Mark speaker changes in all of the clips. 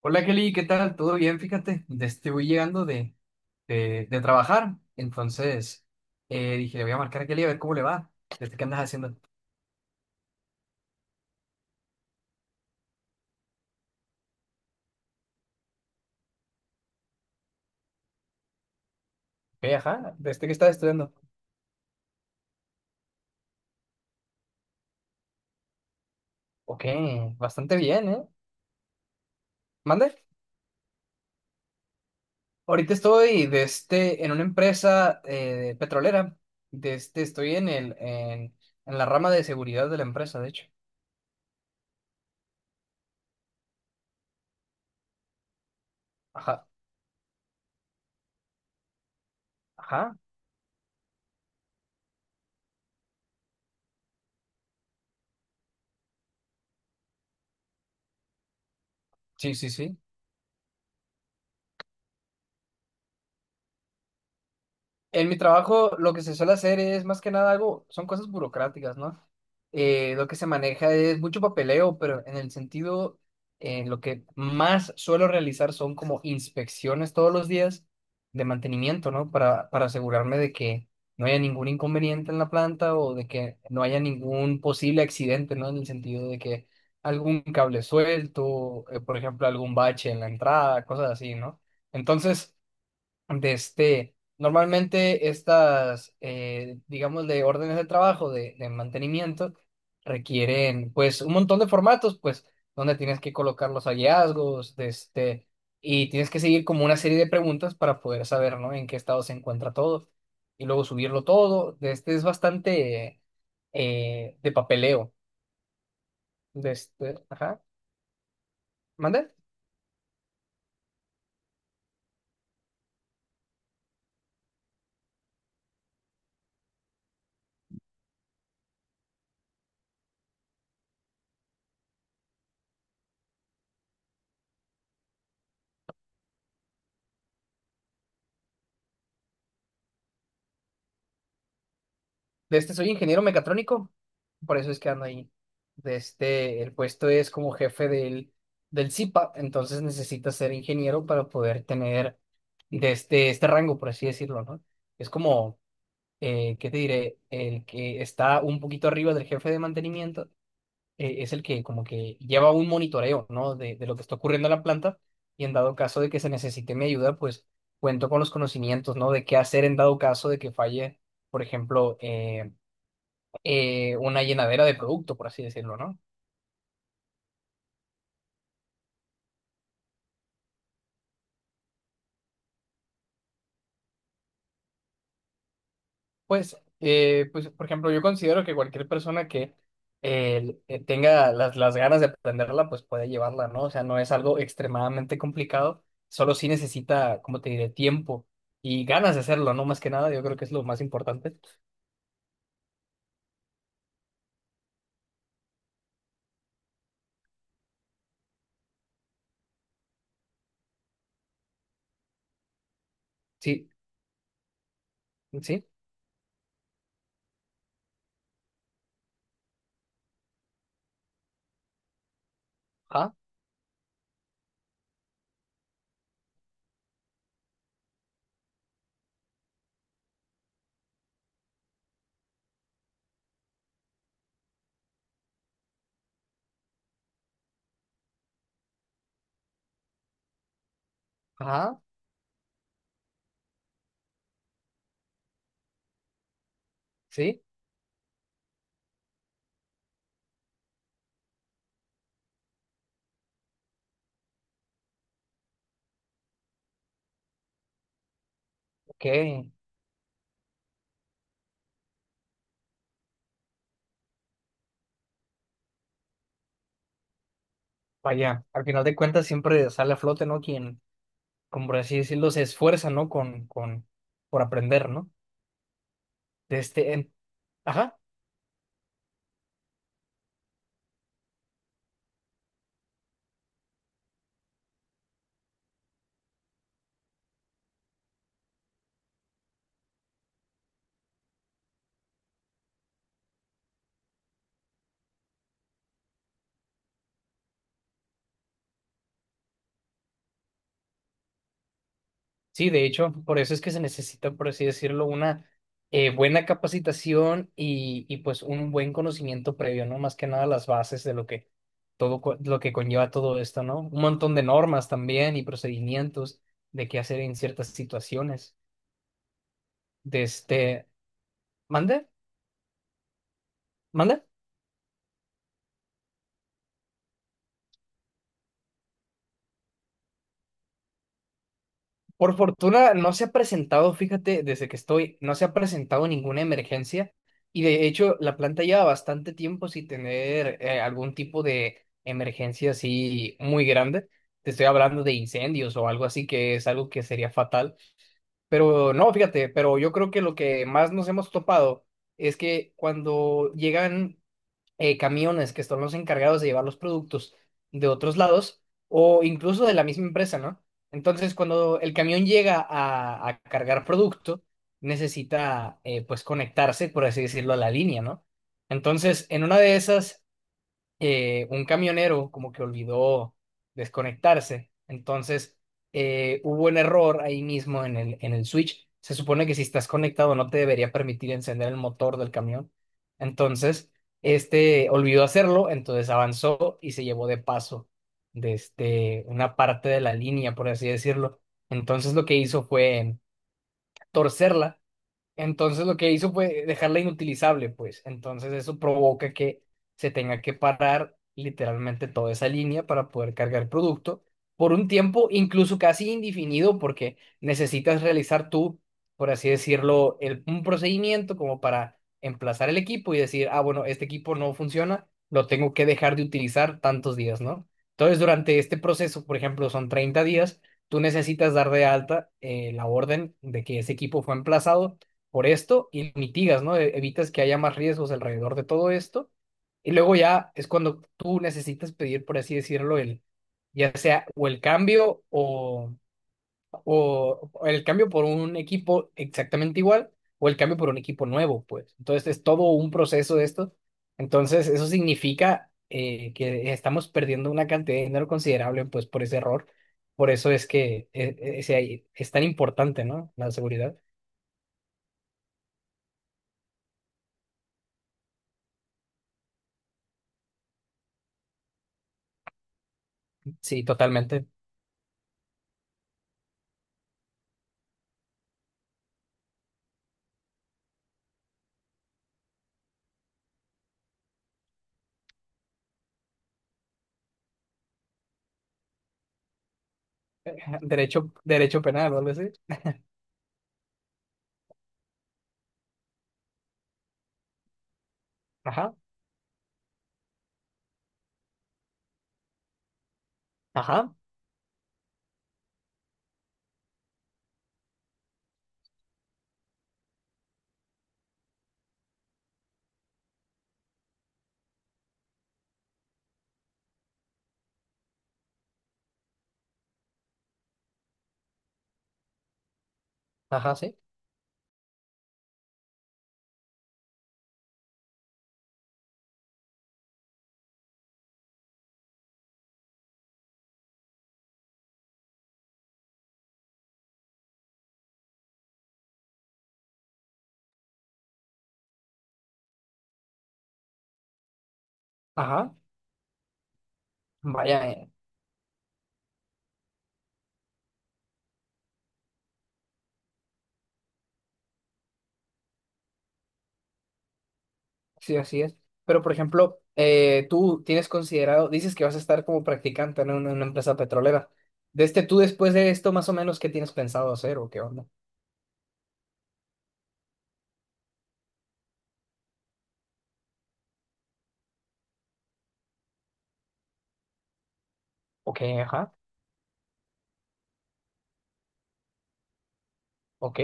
Speaker 1: Hola Kelly, ¿qué tal? ¿Todo bien? Fíjate, voy llegando de trabajar, entonces dije, le voy a marcar a Kelly a ver cómo le va, desde qué andas haciendo. Ok, ajá, desde que estás estudiando. Ok, bastante bien, ¿eh? Mande. Ahorita estoy en una empresa petrolera, estoy en la rama de seguridad de la empresa, de hecho. Ajá, ajá, sí, sí, sí. En mi trabajo lo que se suele hacer es más que nada algo, son cosas burocráticas, ¿no? Lo que se maneja es mucho papeleo, pero en el sentido, lo que más suelo realizar son como inspecciones todos los días de mantenimiento, ¿no? Para asegurarme de que no haya ningún inconveniente en la planta o de que no haya ningún posible accidente, ¿no? En el sentido de que algún cable suelto, por ejemplo, algún bache en la entrada, cosas así, ¿no? Entonces normalmente estas, digamos, de órdenes de trabajo, de mantenimiento, requieren, pues, un montón de formatos, pues, donde tienes que colocar los hallazgos, y tienes que seguir como una serie de preguntas para poder saber, ¿no? En qué estado se encuentra todo, y luego subirlo todo. De este es bastante de papeleo. Ajá. ¿Mande? De este soy ingeniero mecatrónico, por eso es que ando ahí. El puesto es como jefe del CIPA, entonces necesitas ser ingeniero para poder tener este rango, por así decirlo, ¿no? Es como, ¿qué te diré? El que está un poquito arriba del jefe de mantenimiento, es el que como que lleva un monitoreo, ¿no? De lo que está ocurriendo en la planta y en dado caso de que se necesite mi ayuda, pues cuento con los conocimientos, ¿no? De qué hacer en dado caso de que falle, por ejemplo, una llenadera de producto, por así decirlo, ¿no? Pues, pues, por ejemplo, yo considero que cualquier persona que tenga las ganas de aprenderla, pues puede llevarla, ¿no? O sea, no es algo extremadamente complicado, solo sí necesita, como te diré, tiempo y ganas de hacerlo, ¿no? Más que nada, yo creo que es lo más importante. Sí, sí, ajá, ajá, sí, ok, vaya, al final de cuentas siempre sale a flote, ¿no? Quien, como por así decirlo, se esfuerza, ¿no? Por aprender, ¿no? de este, en- ajá, sí, de hecho, por eso es que se necesita, por así decirlo, una buena capacitación y pues un buen conocimiento previo, ¿no? Más que nada las bases de lo que lo que conlleva todo esto, ¿no? Un montón de normas también y procedimientos de qué hacer en ciertas situaciones. De este, ¿Mande? ¿Mande? Por fortuna no se ha presentado, fíjate, desde que estoy, no se ha presentado ninguna emergencia y de hecho la planta lleva bastante tiempo sin tener algún tipo de emergencia así muy grande. Te estoy hablando de incendios o algo así que es algo que sería fatal. Pero no, fíjate, pero yo creo que lo que más nos hemos topado es que cuando llegan camiones que son los encargados de llevar los productos de otros lados o incluso de la misma empresa, ¿no? Entonces, cuando el camión llega a cargar producto, necesita, pues, conectarse, por así decirlo, a la línea, ¿no? Entonces, en una de esas un camionero como que olvidó desconectarse. Entonces, hubo un error ahí mismo en el switch. Se supone que si estás conectado no te debería permitir encender el motor del camión. Entonces, este olvidó hacerlo, entonces avanzó y se llevó de paso desde una parte de la línea, por así decirlo. Entonces, lo que hizo fue torcerla, entonces lo que hizo fue dejarla inutilizable, pues. Entonces eso provoca que se tenga que parar literalmente toda esa línea para poder cargar producto por un tiempo incluso casi indefinido porque necesitas realizar tú, por así decirlo, un procedimiento como para emplazar el equipo y decir, ah, bueno, este equipo no funciona, lo tengo que dejar de utilizar tantos días, ¿no? Entonces durante este proceso, por ejemplo, son 30 días, tú necesitas dar de alta la orden de que ese equipo fue emplazado por esto y mitigas, ¿no? Evitas que haya más riesgos alrededor de todo esto. Y luego ya es cuando tú necesitas pedir, por así decirlo, el, ya sea o el cambio o el cambio por un equipo exactamente igual o el cambio por un equipo nuevo, pues. Entonces es todo un proceso de esto. Entonces eso significa que estamos perdiendo una cantidad de dinero considerable, pues, por ese error. Por eso es que es tan importante, ¿no? La seguridad. Sí, totalmente. Derecho, derecho penal o algo así. Ajá, ajá, ajá, sí. Ajá, vaya, sí, así es. Pero, por ejemplo, tú tienes considerado, dices que vas a estar como practicante, ¿no? En una empresa petrolera. Tú después de esto, más o menos, ¿qué tienes pensado hacer o qué onda? Ok, ajá, ok,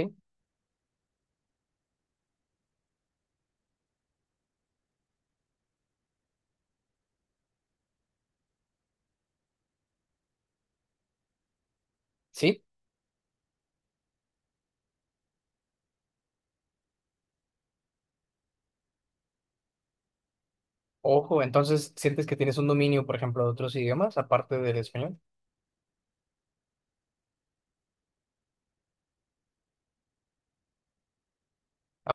Speaker 1: sí. Ojo, entonces, ¿sientes que tienes un dominio, por ejemplo, de otros idiomas, aparte del español?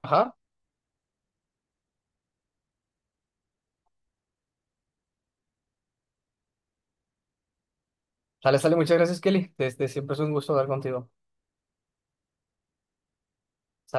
Speaker 1: Ajá, sale, sale, muchas gracias, Kelly. Este, siempre es un gusto hablar contigo.